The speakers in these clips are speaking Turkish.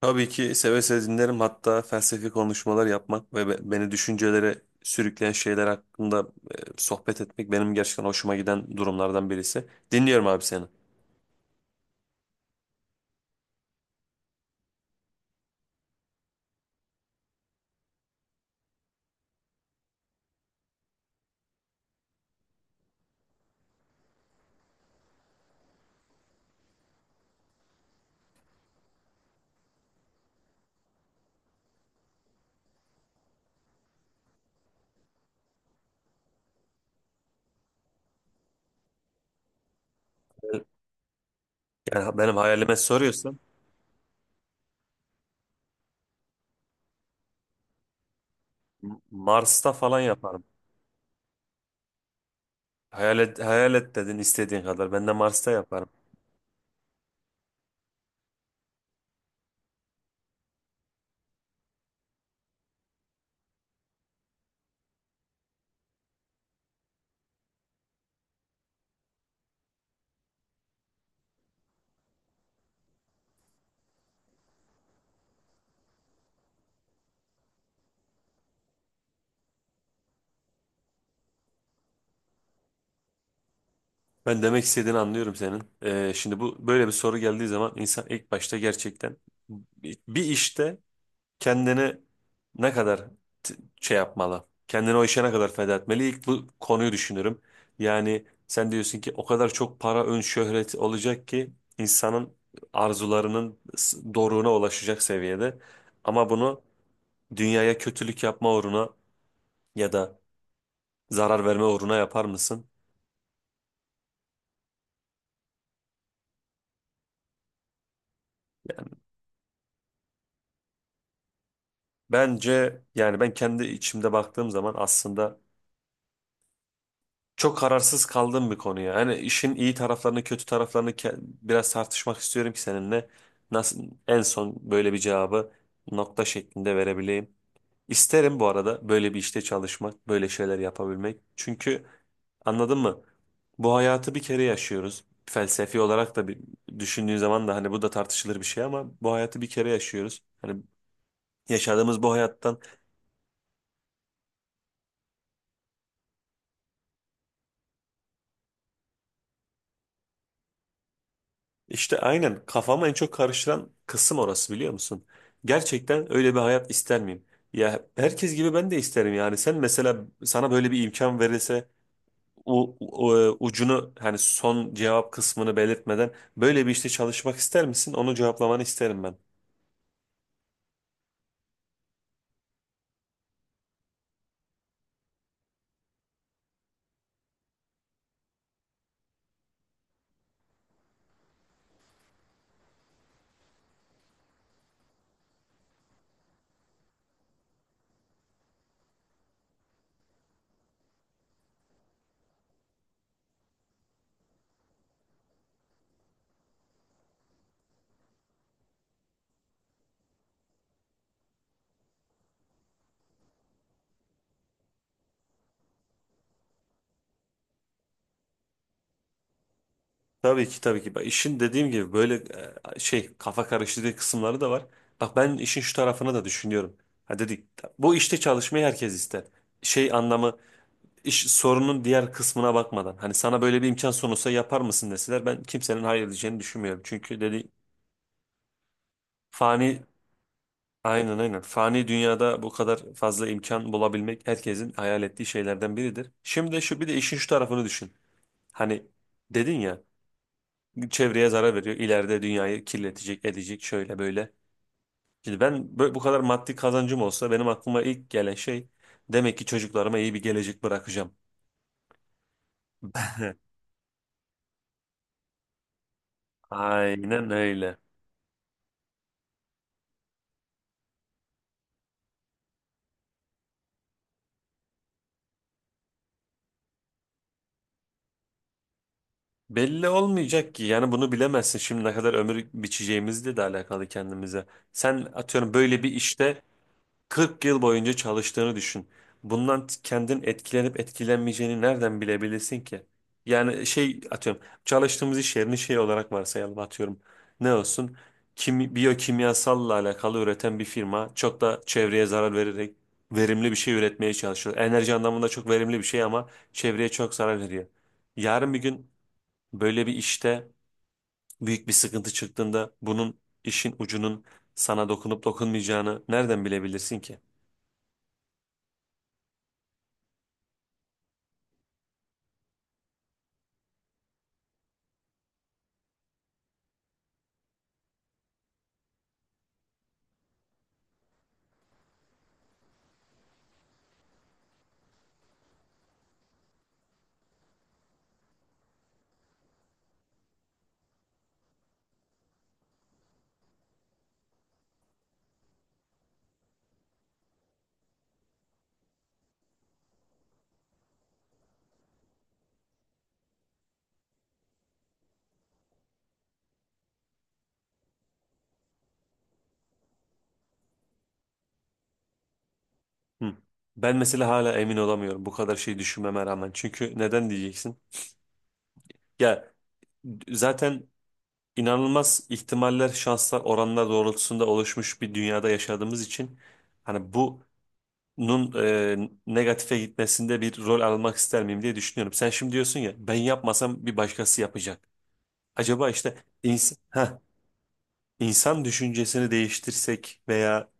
Tabii ki seve seve dinlerim. Hatta felsefi konuşmalar yapmak ve beni düşüncelere sürükleyen şeyler hakkında sohbet etmek benim gerçekten hoşuma giden durumlardan birisi. Dinliyorum abi seni. Yani benim hayalime soruyorsan Mars'ta falan yaparım. Hayal et, hayal et dedin istediğin kadar. Ben de Mars'ta yaparım. Ben demek istediğini anlıyorum senin. Şimdi bu böyle bir soru geldiği zaman insan ilk başta gerçekten bir işte kendini ne kadar t- şey yapmalı? Kendini o işe ne kadar feda etmeli? İlk bu konuyu düşünürüm. Yani sen diyorsun ki o kadar çok para, ön şöhret olacak ki insanın doruğuna ulaşacak seviyede. Ama bunu dünyaya kötülük yapma uğruna ya da zarar verme uğruna yapar mısın? Bence yani ben kendi içimde baktığım zaman aslında çok kararsız kaldığım bir konu ya. Hani işin iyi taraflarını, kötü taraflarını biraz tartışmak istiyorum ki seninle nasıl en son böyle bir cevabı nokta şeklinde verebileyim. İsterim bu arada böyle bir işte çalışmak, böyle şeyler yapabilmek. Çünkü anladın mı? Bu hayatı bir kere yaşıyoruz. Felsefi olarak da bir düşündüğün zaman da hani bu da tartışılır bir şey, ama bu hayatı bir kere yaşıyoruz. Hani yaşadığımız bu hayattan. İşte aynen, kafamı en çok karıştıran kısım orası, biliyor musun? Gerçekten öyle bir hayat ister miyim? Ya herkes gibi ben de isterim yani. Sen mesela, sana böyle bir imkan verilse, ucunu, hani son cevap kısmını belirtmeden, böyle bir işte çalışmak ister misin? Onu cevaplamanı isterim ben. Tabii ki, tabii ki. Bak, işin dediğim gibi böyle şey, kafa karıştırdığı kısımları da var. Bak, ben işin şu tarafını da düşünüyorum. Ha dedik, bu işte çalışmayı herkes ister. Şey anlamı, iş sorunun diğer kısmına bakmadan hani sana böyle bir imkan sunulsa yapar mısın deseler, ben kimsenin hayır edeceğini düşünmüyorum. Çünkü dedi, fani, aynen aynen, fani dünyada bu kadar fazla imkan bulabilmek herkesin hayal ettiği şeylerden biridir. Şimdi de şu, bir de işin şu tarafını düşün. Hani dedin ya, çevreye zarar veriyor, ileride dünyayı kirletecek edecek, şöyle böyle. Şimdi ben bu kadar maddi kazancım olsa benim aklıma ilk gelen şey, demek ki çocuklarıma iyi bir gelecek bırakacağım. Aynen öyle. Belli olmayacak ki yani, bunu bilemezsin şimdi, ne kadar ömür biçeceğimizle de alakalı kendimize. Sen atıyorum böyle bir işte 40 yıl boyunca çalıştığını düşün. Bundan kendin etkilenip etkilenmeyeceğini nereden bilebilirsin ki? Yani şey, atıyorum çalıştığımız iş yerini şey olarak varsayalım, atıyorum. Ne olsun? Kim, biyokimyasalla alakalı üreten bir firma, çok da çevreye zarar vererek verimli bir şey üretmeye çalışıyor. Enerji anlamında çok verimli bir şey ama çevreye çok zarar veriyor. Yarın bir gün, böyle bir işte büyük bir sıkıntı çıktığında bunun, işin ucunun sana dokunup dokunmayacağını nereden bilebilirsin ki? Hı. Ben mesela hala emin olamıyorum bu kadar şey düşünmeme rağmen. Çünkü neden diyeceksin? Ya zaten, inanılmaz ihtimaller, şanslar, oranlar doğrultusunda oluşmuş bir dünyada yaşadığımız için hani bunun negatife gitmesinde bir rol almak ister miyim diye düşünüyorum. Sen şimdi diyorsun ya, ben yapmasam bir başkası yapacak. Acaba işte insan. İnsan düşüncesini değiştirsek veya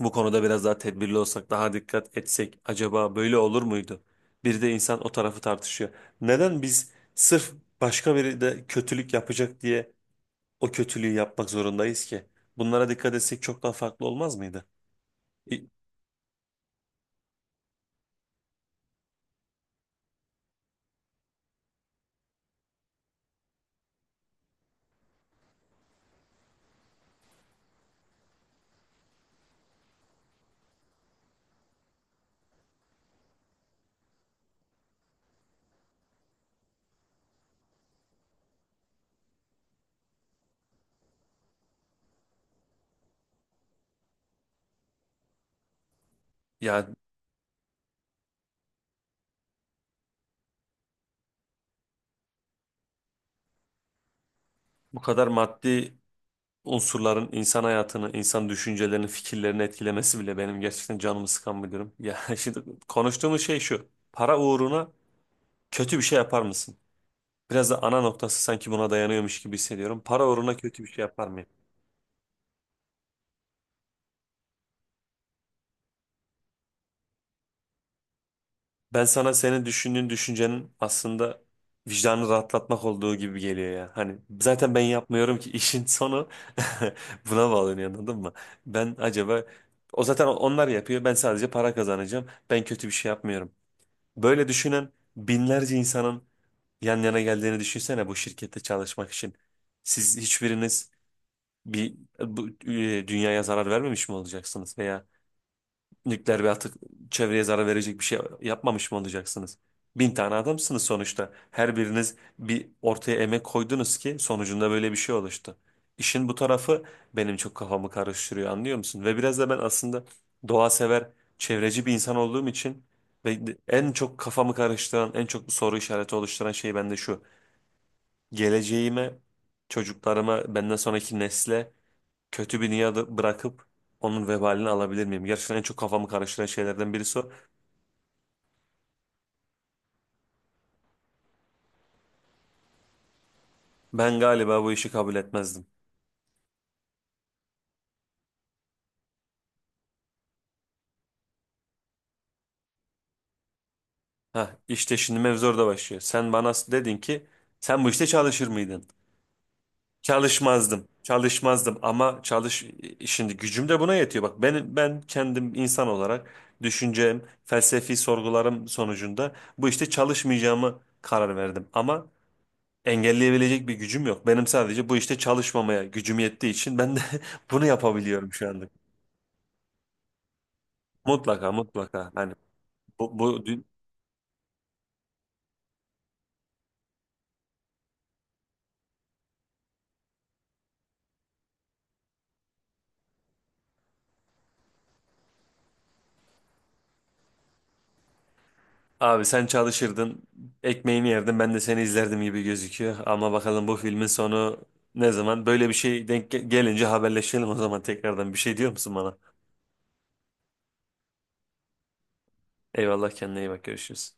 bu konuda biraz daha tedbirli olsak, daha dikkat etsek acaba böyle olur muydu? Bir de insan o tarafı tartışıyor. Neden biz sırf başka biri de kötülük yapacak diye o kötülüğü yapmak zorundayız ki? Bunlara dikkat etsek çok daha farklı olmaz mıydı? İ- Yani bu kadar maddi unsurların insan hayatını, insan düşüncelerini, fikirlerini etkilemesi bile benim gerçekten canımı sıkan bir durum. Ya şimdi konuştuğumuz şey şu: para uğruna kötü bir şey yapar mısın? Biraz da ana noktası sanki buna dayanıyormuş gibi hissediyorum. Para uğruna kötü bir şey yapar mıyım? Ben sana, senin düşündüğün düşüncenin aslında vicdanı rahatlatmak olduğu gibi geliyor ya. Hani zaten ben yapmıyorum ki, işin sonu buna bağlanıyor, anladın mı? Ben acaba, o zaten onlar yapıyor, ben sadece para kazanacağım, ben kötü bir şey yapmıyorum. Böyle düşünen binlerce insanın yan yana geldiğini düşünsene bu şirkette çalışmak için. Siz hiçbiriniz bir dünyaya zarar vermemiş mi olacaksınız veya nükleer bir atık, çevreye zarar verecek bir şey yapmamış mı olacaksınız? Bin tane adamsınız sonuçta. Her biriniz bir ortaya emek koydunuz ki sonucunda böyle bir şey oluştu. İşin bu tarafı benim çok kafamı karıştırıyor, anlıyor musun? Ve biraz da ben aslında doğa sever, çevreci bir insan olduğum için ve en çok kafamı karıştıran, en çok soru işareti oluşturan şey bende şu: geleceğime, çocuklarıma, benden sonraki nesle kötü bir dünyada bırakıp onun vebalini alabilir miyim? Gerçekten en çok kafamı karıştıran şeylerden birisi o. Ben galiba bu işi kabul etmezdim. Hah işte şimdi mevzu orada başlıyor. Sen bana dedin ki, sen bu işte çalışır mıydın? Çalışmazdım. Çalışmazdım ama şimdi gücüm de buna yetiyor. Bak, ben kendim insan olarak, düşüncem, felsefi sorgularım sonucunda bu işte çalışmayacağımı karar verdim. Ama engelleyebilecek bir gücüm yok. Benim sadece bu işte çalışmamaya gücüm yettiği için ben de bunu yapabiliyorum şu anda. Mutlaka, mutlaka. Hani bu, bu dün- abi sen çalışırdın, ekmeğini yerdin, ben de seni izlerdim gibi gözüküyor. Ama bakalım bu filmin sonu ne zaman? Böyle bir şey denk gelince haberleşelim o zaman tekrardan. Bir şey diyor musun bana? Eyvallah, kendine iyi bak, görüşürüz.